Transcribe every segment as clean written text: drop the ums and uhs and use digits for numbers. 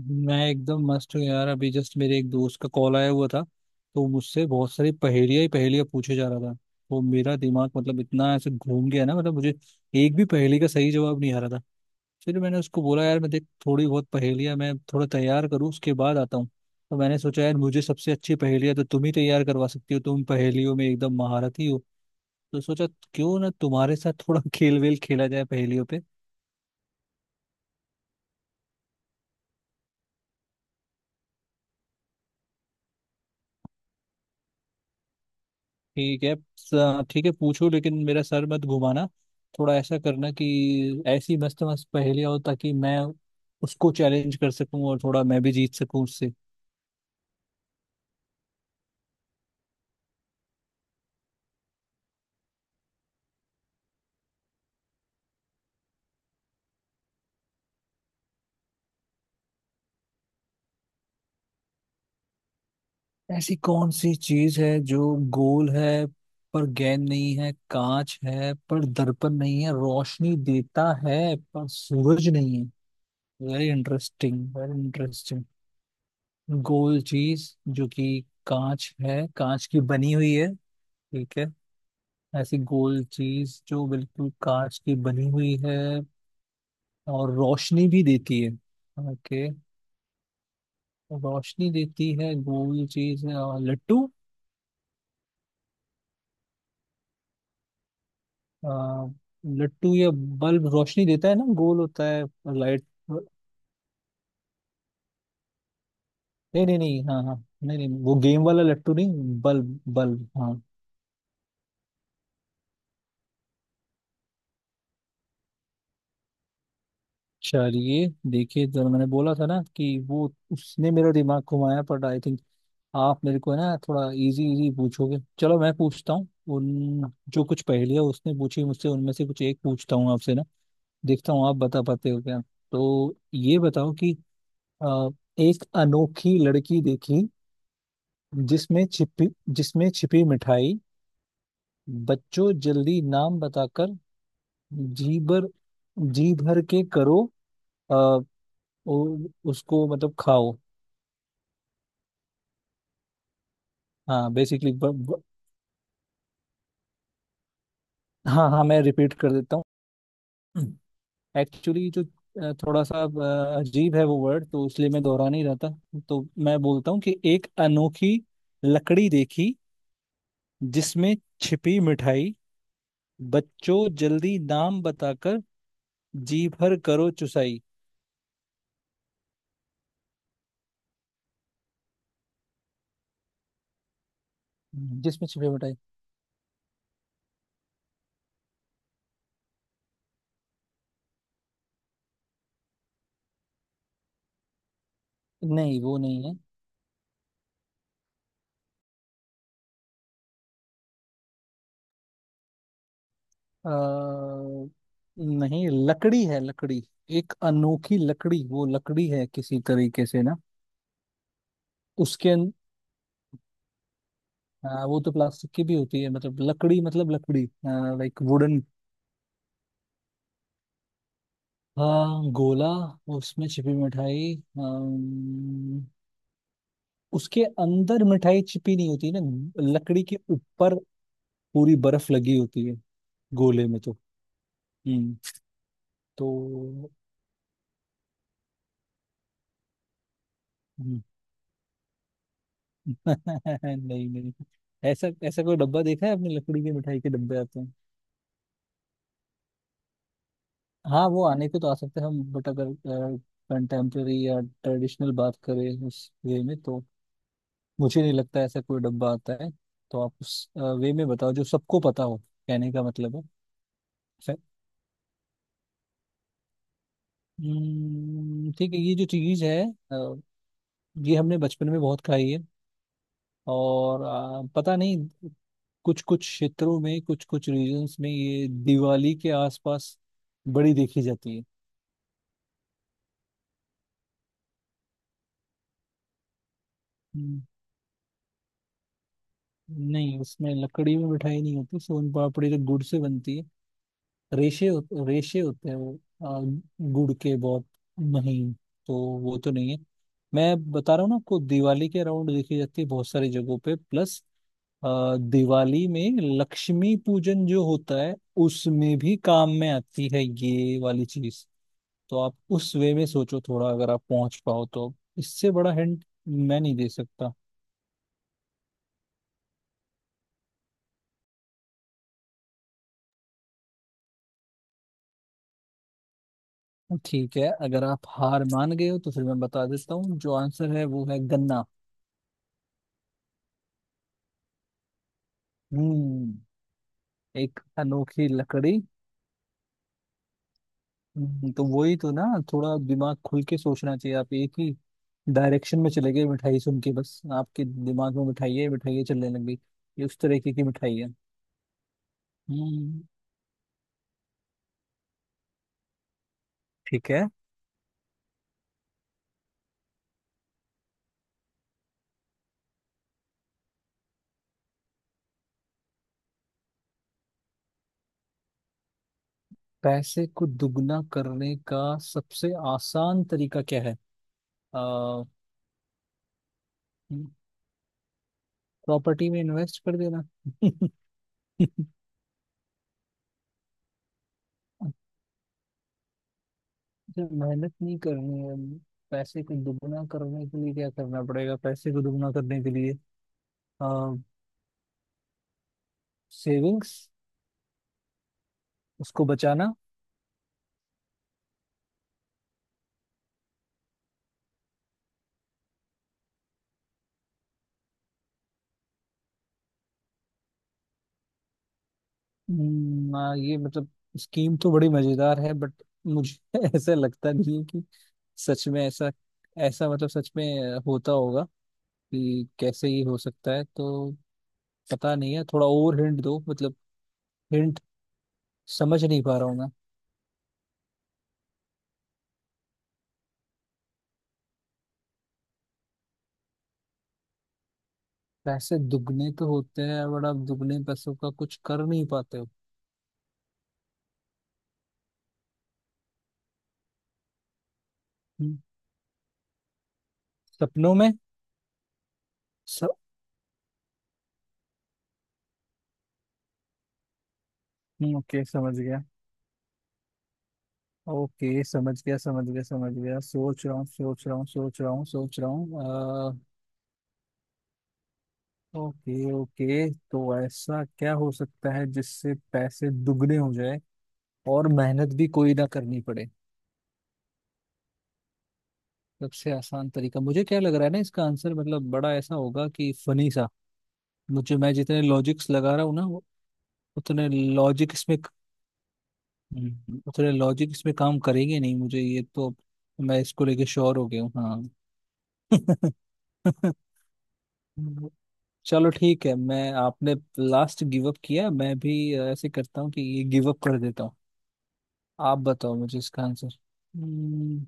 मैं एकदम मस्त हूँ यार। अभी जस्ट मेरे एक दोस्त का कॉल आया हुआ था तो मुझसे बहुत सारी पहेलियां ही पहेलियां पूछे जा रहा था। तो मेरा दिमाग मतलब इतना ऐसे घूम गया ना, मतलब मुझे एक भी पहेली का सही जवाब नहीं आ रहा था। फिर मैंने उसको बोला यार मैं देख थोड़ी बहुत पहेलियां मैं थोड़ा तैयार करूँ उसके बाद आता हूँ। तो मैंने सोचा यार मुझे सबसे अच्छी पहेलियां तो तुम ही तैयार करवा सकती हो, तुम पहेलियों में एकदम महारथी हो। तो सोचा क्यों ना तुम्हारे साथ थोड़ा खेल वेल खेला जाए पहेलियों पे। ठीक है ठीक है पूछो लेकिन मेरा सर मत घुमाना। थोड़ा ऐसा करना कि ऐसी मस्त मस्त पहेलियां हो ताकि मैं उसको चैलेंज कर सकूं और थोड़ा मैं भी जीत सकूं उससे। ऐसी कौन सी चीज है जो गोल है पर गेंद नहीं है, कांच है पर दर्पण नहीं है, रोशनी देता है पर सूरज नहीं है? Very interesting, very interesting. गोल चीज जो कि कांच है, कांच की बनी हुई है। ठीक है। ऐसी गोल चीज जो बिल्कुल कांच की बनी हुई है और रोशनी भी देती है। ओके। रोशनी देती है गोल चीज, लट्टू। अ, लट्टू या बल्ब रोशनी देता है ना, गोल होता है। लाइट। नहीं। नहीं नहीं, हाँ हाँ। नहीं नहीं वो गेम वाला लट्टू नहीं, बल्ब बल्ब, हाँ। चलिए देखिए जरा, मैंने बोला था ना कि वो उसने मेरा दिमाग घुमाया, बट आई थिंक आप मेरे को है ना थोड़ा इजी इजी पूछोगे। चलो मैं पूछता हूँ उन जो कुछ पहेलियाँ उसने पूछी मुझसे, उनमें से कुछ एक पूछता हूँ आपसे ना। देखता हूँ आप बता पाते हो क्या। तो ये बताओ कि अ, एक अनोखी लड़की देखी, जिसमें छिपी जिसमें छिपी मिठाई, बच्चों जल्दी नाम बताकर जी भर जी भर के करो, अ, उसको मतलब खाओ। हाँ बेसिकली। हाँ हाँ मैं रिपीट कर देता हूँ। एक्चुअली जो थोड़ा सा अजीब है वो वर्ड, तो इसलिए मैं दोहरा नहीं रहता। तो मैं बोलता हूँ कि एक अनोखी लकड़ी देखी, जिसमें छिपी मिठाई, बच्चों जल्दी नाम बताकर जी भर करो चुसाई। जिसमें छिपी मिठाई। नहीं वो नहीं है। अ, नहीं लकड़ी है लकड़ी। एक अनोखी लकड़ी, वो लकड़ी है किसी तरीके से ना। उसके अं- हाँ वो तो प्लास्टिक की भी होती है, मतलब लकड़ी मतलब लकड़ी, लाइक वुडन। हाँ गोला। उसमें छिपी मिठाई। अम, उसके अंदर मिठाई छिपी नहीं होती ना, लकड़ी के ऊपर पूरी बर्फ लगी होती है गोले में तो। हम्म तो। हम्म, नहीं नहीं। ऐसा ऐसा कोई डब्बा देखा है आपने? लकड़ी की मिठाई के डब्बे आते हैं? हाँ वो आने के तो आ सकते हैं हम, बट अगर कंटेम्प्रेरी या ट्रेडिशनल बात करें उस वे में तो मुझे नहीं लगता ऐसा कोई डब्बा आता है। तो आप उस वे में बताओ जो सबको पता हो, कहने का मतलब है। फै- ठीक है, ये जो चीज है अ, ये हमने बचपन में बहुत खाई है। और पता नहीं, कुछ कुछ क्षेत्रों में, कुछ कुछ रीजन्स में ये दिवाली के आसपास बड़ी देखी जाती है। हम्म, नहीं उसमें, लकड़ी में मिठाई नहीं होती, सोन पापड़ी तो गुड़ से बनती है। रेशे होते हैं वो, आ, गुड़ के, बहुत महीन। तो वो तो नहीं है। मैं बता रहा हूँ ना आपको, दिवाली के अराउंड देखी जाती है बहुत सारी जगहों पे, प्लस दिवाली में लक्ष्मी पूजन जो होता है उसमें भी काम में आती है ये वाली चीज। तो आप उस वे में सोचो थोड़ा, अगर आप पहुंच पाओ तो। इससे बड़ा हिंट मैं नहीं दे सकता। ठीक है, अगर आप हार मान गए हो तो फिर मैं बता देता हूँ, जो आंसर है वो है गन्ना। हम्म। एक अनोखी लकड़ी। तो वही तो ना। थोड़ा दिमाग खुल के सोचना चाहिए, आप एक ही डायरेक्शन में चले गए, मिठाई सुन के बस आपके दिमाग में मिठाई है चलने लग गई। ये उस तरीके की मिठाई है। हम्म ठीक है। पैसे को दुगना करने का सबसे आसान तरीका क्या है? प्रॉपर्टी में इन्वेस्ट कर देना। अच्छा, मेहनत नहीं करनी है। पैसे को दुगना करने के लिए क्या करना पड़ेगा, पैसे को दुगना करने के लिए? सेविंग्स, उसको बचाना। ये मतलब स्कीम तो बड़ी मजेदार है, बट मुझे ऐसा लगता नहीं है कि सच में ऐसा ऐसा मतलब सच में होता होगा, कि कैसे ये हो सकता है। तो पता नहीं है, थोड़ा और हिंट दो मतलब, हिंट। समझ नहीं पा रहा हूँ मैं। पैसे दुगने तो होते हैं, बट आप दुगने पैसों का कुछ कर नहीं पाते हो। हम्म, सपनों में। स... ओके समझ गया। ओके समझ गया, समझ गया, समझ गया। सोच रहा हूँ, सोच रहा हूँ, सोच रहा हूँ, सोच रहा हूँ। ओके ओके, तो ऐसा क्या हो सकता है जिससे पैसे दुगने हो जाए और मेहनत भी कोई ना करनी पड़े? सबसे आसान तरीका। मुझे क्या लग रहा है ना, इसका आंसर मतलब बड़ा ऐसा होगा कि फनी सा। मुझे, मैं जितने लॉजिक्स लगा रहा हूँ ना वो, उतने लॉजिक इसमें, उतने लॉजिक इसमें काम करेंगे नहीं मुझे, ये तो। मैं इसको लेके श्योर हो गया हूँ हाँ। चलो ठीक है, मैं, आपने लास्ट गिव अप किया, मैं भी ऐसे करता हूँ कि ये गिव अप कर देता हूँ। आप बताओ मुझे इसका आंसर। हम्म,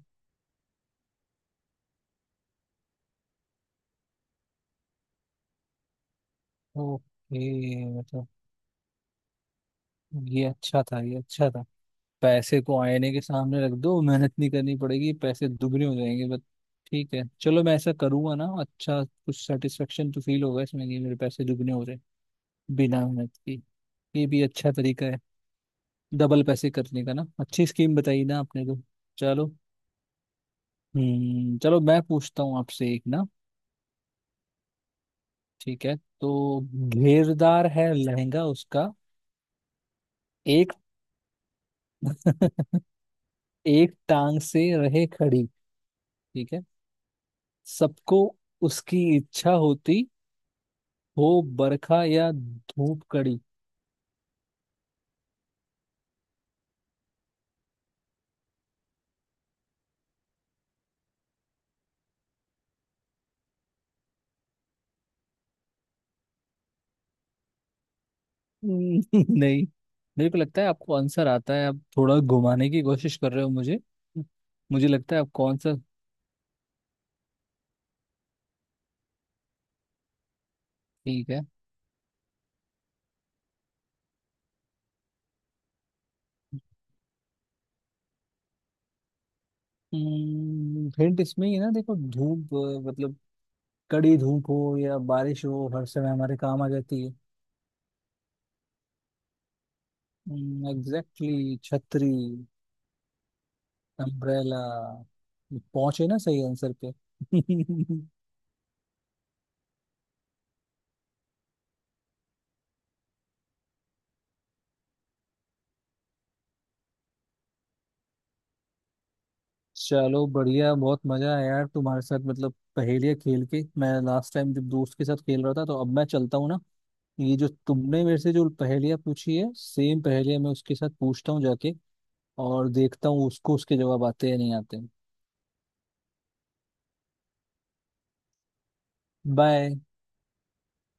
ओके मतलब। ये अच्छा था, ये अच्छा था। पैसे को आईने के सामने रख दो, मेहनत नहीं करनी पड़ेगी, पैसे दुगने हो जाएंगे, बट ठीक है, चलो मैं ऐसा करूंगा ना, अच्छा कुछ सेटिस्फेक्शन तो फील होगा इसमें कि मेरे पैसे दुगने हो रहे हैं बिना मेहनत की। ये भी अच्छा तरीका है डबल पैसे करने का ना, अच्छी स्कीम बताई ना आपने तो। चलो। चलो मैं पूछता हूँ आपसे एक ना। ठीक है। तो, घेरदार है लहंगा उसका, एक एक टांग से रहे खड़ी, ठीक है, सबको उसकी इच्छा होती हो, बरखा या धूप कड़ी। हम्म, नहीं, मेरे को लगता है आपको आंसर आता है, आप थोड़ा घुमाने की कोशिश कर रहे हो मुझे। मुझे लगता है आपको आंसर। ठीक है। हिंट इसमें ही है ना देखो, धूप मतलब कड़ी धूप हो या बारिश हो, हर समय हमारे काम आ जाती है। एग्जैक्टली, छतरी। अम्ब्रेला। पहुंचे ना सही आंसर पे। चलो बढ़िया, बहुत मजा आया यार तुम्हारे साथ, मतलब पहेलियाँ खेल के। मैं लास्ट टाइम जब दोस्त के साथ खेल रहा था, तो अब मैं चलता हूँ ना। ये जो तुमने मेरे से जो पहेलियाँ पूछी है, सेम पहेलियाँ मैं उसके साथ पूछता हूँ जाके, और देखता हूँ उसको उसके जवाब आते हैं या नहीं आते हैं। बाय।